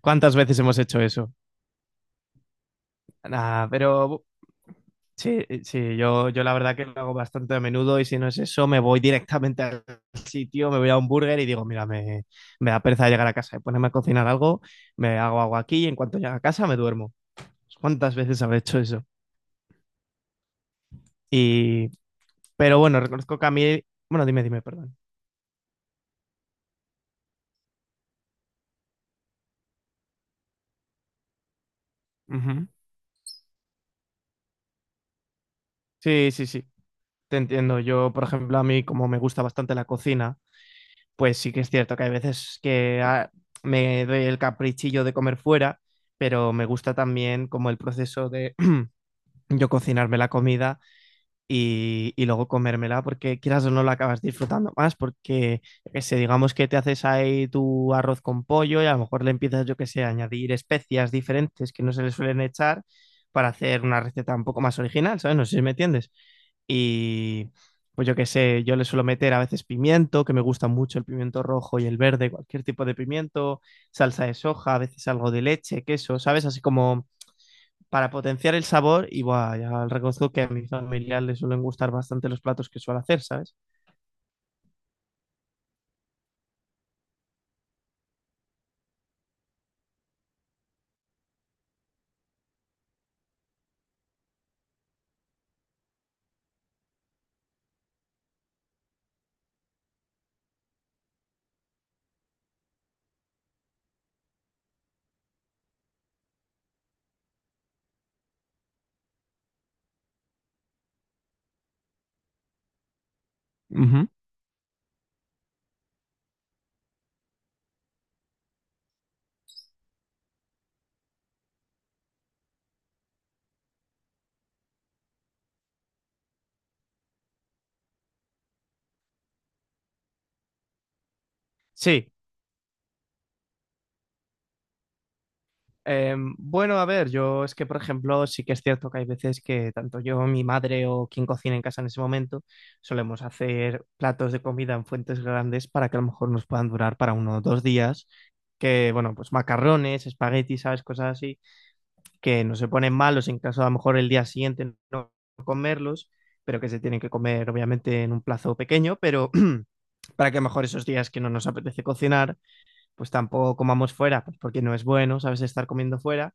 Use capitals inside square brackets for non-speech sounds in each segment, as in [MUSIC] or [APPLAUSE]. ¿Cuántas veces hemos hecho eso? Nah, pero sí, sí, yo la verdad que lo hago bastante a menudo y si no es eso, me voy directamente al sitio, me voy a un burger y digo, mira, me da pereza llegar a casa y ponerme a cocinar algo, me hago agua aquí y en cuanto llego a casa me duermo. ¿Cuántas veces habré hecho eso? Y, pero bueno, reconozco que a mí, bueno, dime, dime, perdón. Ujú. Sí, sí, sí, te entiendo. Yo, por ejemplo, a mí como me gusta bastante la cocina, pues sí que es cierto que hay veces que me doy el caprichillo de comer fuera, pero me gusta también como el proceso de [CLEARS THROAT] yo cocinarme la comida y luego comérmela porque quieras o no la acabas disfrutando más porque, yo qué sé, digamos que te haces ahí tu arroz con pollo y a lo mejor le empiezas, yo qué sé, a añadir especias diferentes que no se le suelen echar para hacer una receta un poco más original, ¿sabes? No sé si me entiendes. Y pues yo qué sé, yo le suelo meter a veces pimiento, que me gusta mucho el pimiento rojo y el verde, cualquier tipo de pimiento, salsa de soja, a veces algo de leche, queso, ¿sabes? Así como para potenciar el sabor y buah, ya reconozco que a mi familia le suelen gustar bastante los platos que suelo hacer, ¿sabes? Ujú. Sí. Bueno, a ver, yo es que, por ejemplo, sí que es cierto que hay veces que tanto yo, mi madre o quien cocina en casa en ese momento, solemos hacer platos de comida en fuentes grandes para que a lo mejor nos puedan durar para uno o dos días, que, bueno, pues macarrones, espaguetis, ¿sabes? Cosas así que no se ponen malos en caso a lo mejor el día siguiente no comerlos, pero que se tienen que comer obviamente en un plazo pequeño, pero [CLEARS THROAT] para que a lo mejor esos días que no nos apetece cocinar, pues tampoco comamos fuera, pues porque no es bueno, sabes, estar comiendo fuera,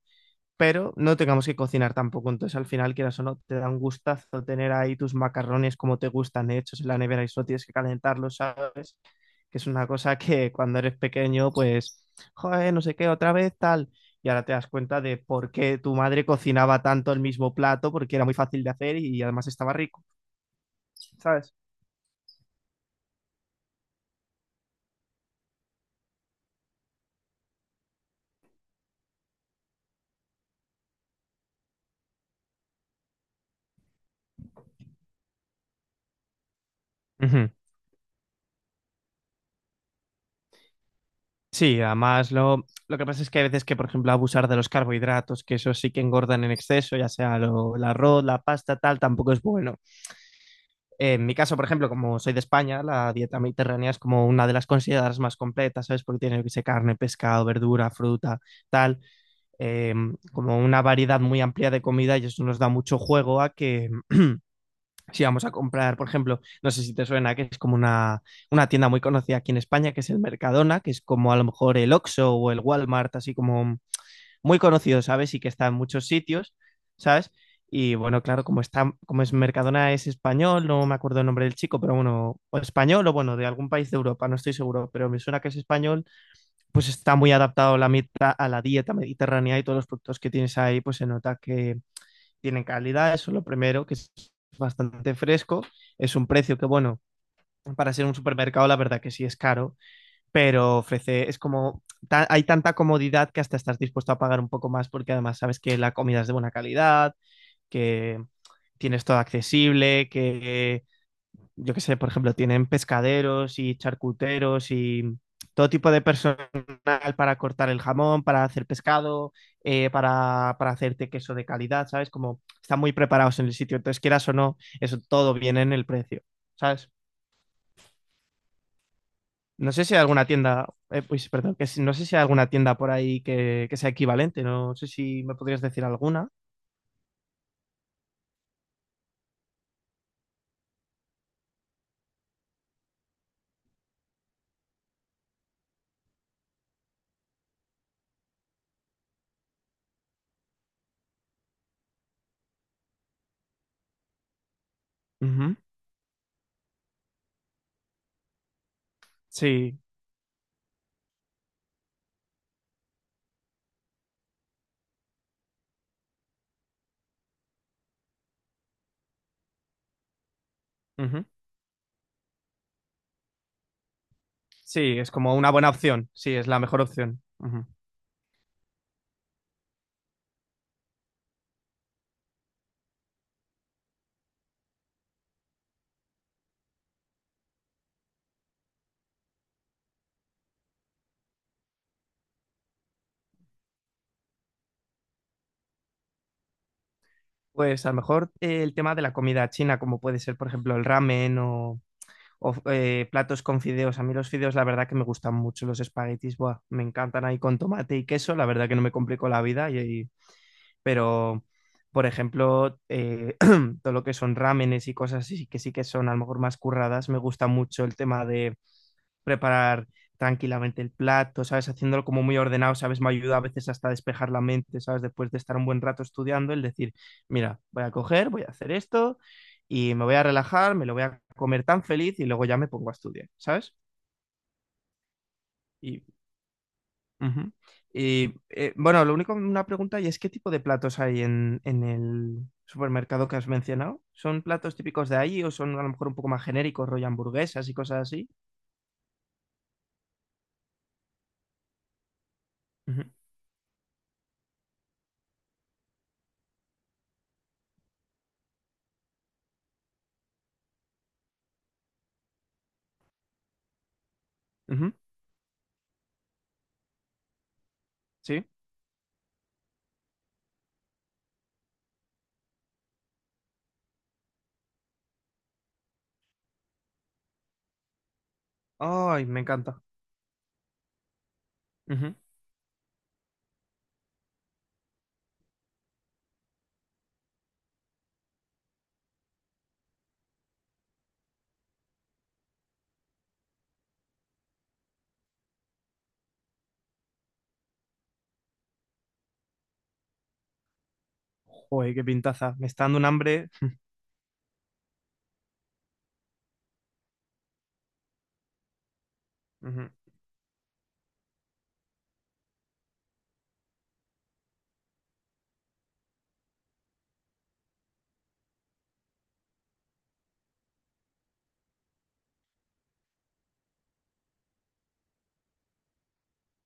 pero no tengamos que cocinar tampoco, entonces al final quieras o no, te da un gustazo tener ahí tus macarrones como te gustan hechos en la nevera y solo tienes que calentarlos, sabes, que es una cosa que cuando eres pequeño, pues, joder, no sé qué, otra vez tal. Y ahora te das cuenta de por qué tu madre cocinaba tanto el mismo plato, porque era muy fácil de hacer y además estaba rico, ¿sabes? Ujú. Sí, además lo que pasa es que hay veces que, por ejemplo, abusar de los carbohidratos, que eso sí que engordan en exceso, ya sea lo- el arroz, la pasta, tal, tampoco es bueno. En mi caso, por ejemplo, como soy de España, la dieta mediterránea es como una de las consideradas más completas, ¿sabes? Porque tiene, yo qué sé, carne, pescado, verdura, fruta, tal. eh, Como una variedad muy amplia de comida y eso nos da mucho juego a que si vamos a comprar, por ejemplo, no sé si te suena, que es como una tienda muy conocida aquí en España, que es el Mercadona, que es como a lo mejor el Oxxo o el Walmart, así como muy conocido, ¿sabes? Y que está en muchos sitios, ¿sabes? Y bueno, claro, como está, como es Mercadona es español, no me acuerdo el nombre del chico, pero bueno, o español o bueno, de algún país de Europa, no estoy seguro, pero me suena que es español pues está muy adaptado la mita- a la dieta mediterránea y todos los productos que tienes ahí, pues se nota que tienen calidad, eso es lo primero, que es bastante fresco, es un precio que, bueno, para ser un supermercado, la verdad que sí es caro, pero ofrece, es como, ta- hay tanta comodidad que hasta estás dispuesto a pagar un poco más porque además sabes que la comida es de buena calidad, que tienes todo accesible, que yo qué sé, por ejemplo, tienen pescaderos y charcuteros y todo tipo de personal para cortar el jamón, para hacer pescado, para hacerte queso de calidad, ¿sabes? Como están muy preparados en el sitio. Entonces, quieras o no, eso todo viene en el precio, ¿sabes? No sé si hay alguna tienda, pues, perdón, que si- no sé si hay alguna tienda por ahí que sea equivalente, no sé si me podrías decir alguna. Ujú, sí, ujú. Sí, es como una buena opción, sí, es la mejor opción. Ujú. Pues a lo mejor el tema de la comida china, como puede ser, por ejemplo, el ramen o, o platos con fideos. A mí los fideos, la verdad que me gustan mucho los espaguetis, buah, me encantan ahí con tomate y queso, la verdad que no me complico la vida, y- pero, por ejemplo, [CLEARS THROAT] todo lo que son ramenes y cosas así, que sí que son a lo mejor más curradas, me gusta mucho el tema de preparar tranquilamente el plato, ¿sabes? Haciéndolo como muy ordenado, ¿sabes? Me ayuda a veces hasta a despejar la mente, ¿sabes? Después de estar un buen rato estudiando, el decir, mira, voy a coger, voy a hacer esto y me voy a relajar, me lo voy a comer tan feliz y luego ya me pongo a estudiar, ¿sabes? Y, ujú. Y, bueno, lo único, una pregunta y es ¿qué tipo de platos hay en el supermercado que has mencionado? ¿Son platos típicos de ahí o son a lo mejor un poco más genéricos, rollo hamburguesas y cosas así? Ujú, ujú, sí. Ay, me encanta. Joder, qué pintaza. Me está dando un hambre. Ujú,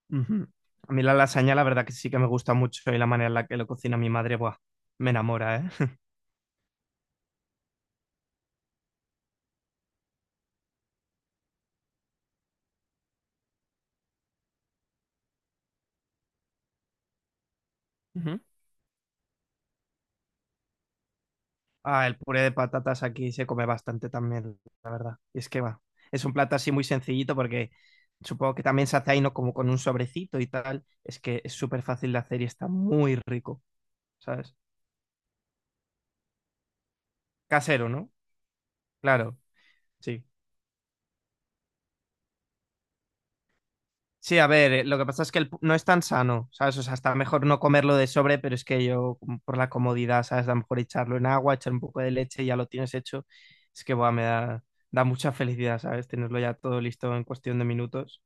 ujú. A mí la lasaña, la verdad que sí que me gusta mucho y la manera en la que lo cocina mi madre, buah, me enamora, ¿eh? Ujú. Ah, el puré de patatas aquí se come bastante también. Y es que va. Es un plato así muy sencillito porque supongo que también se hace ahí, ¿no? Como con un sobrecito y tal. Es que es súper fácil de hacer y está muy rico, ¿sabes? Casero, ¿no? Claro, sí. Sí, a ver, lo que pasa es que el pu- no es tan sano, ¿sabes? O sea, está mejor no comerlo de sobre, pero es que yo, como por la comodidad, ¿sabes? A lo mejor echarlo en agua, echar un poco de leche y ya lo tienes hecho. Es que, buah, me da, da mucha felicidad, ¿sabes? Tenerlo ya todo listo en cuestión de minutos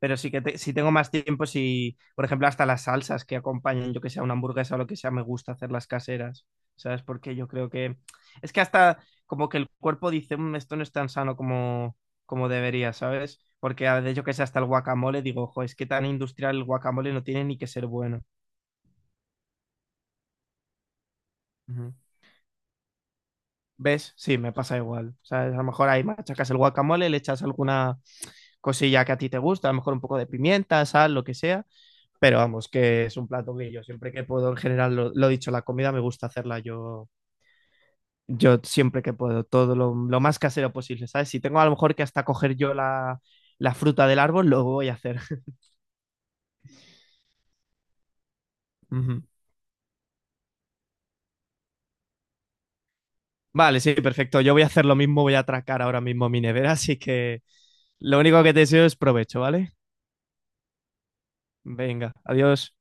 pero sí que te- si tengo más tiempo, si, por ejemplo, hasta las salsas que acompañan, yo que sea una hamburguesa o lo que sea, me gusta hacerlas caseras, ¿sabes? Porque yo creo que es que hasta como que el cuerpo dice, "Mm, esto no es tan sano como, como debería, ¿sabes? Porque a veces yo que sé, hasta el guacamole, digo, ojo, es que tan industrial el guacamole no tiene ni que ser bueno. Ujú. ¿Ves? Sí, me pasa igual. ¿Sabes? A lo mejor ahí machacas el guacamole, le echas alguna cosilla que a ti te gusta, a lo mejor un poco de pimienta, sal, lo que sea Pero vamos, que es un plato que yo siempre que puedo, en general, lo dicho, la comida me gusta hacerla yo, yo siempre que puedo, todo lo más casero posible, ¿sabes? Si tengo a lo mejor que hasta coger yo la, la fruta del árbol, lo voy a hacer. [LAUGHS] Ujú. Vale, sí, perfecto. Yo voy a hacer lo mismo, voy a atracar ahora mismo mi nevera, así que lo único que te deseo es provecho, ¿vale? Venga, adiós.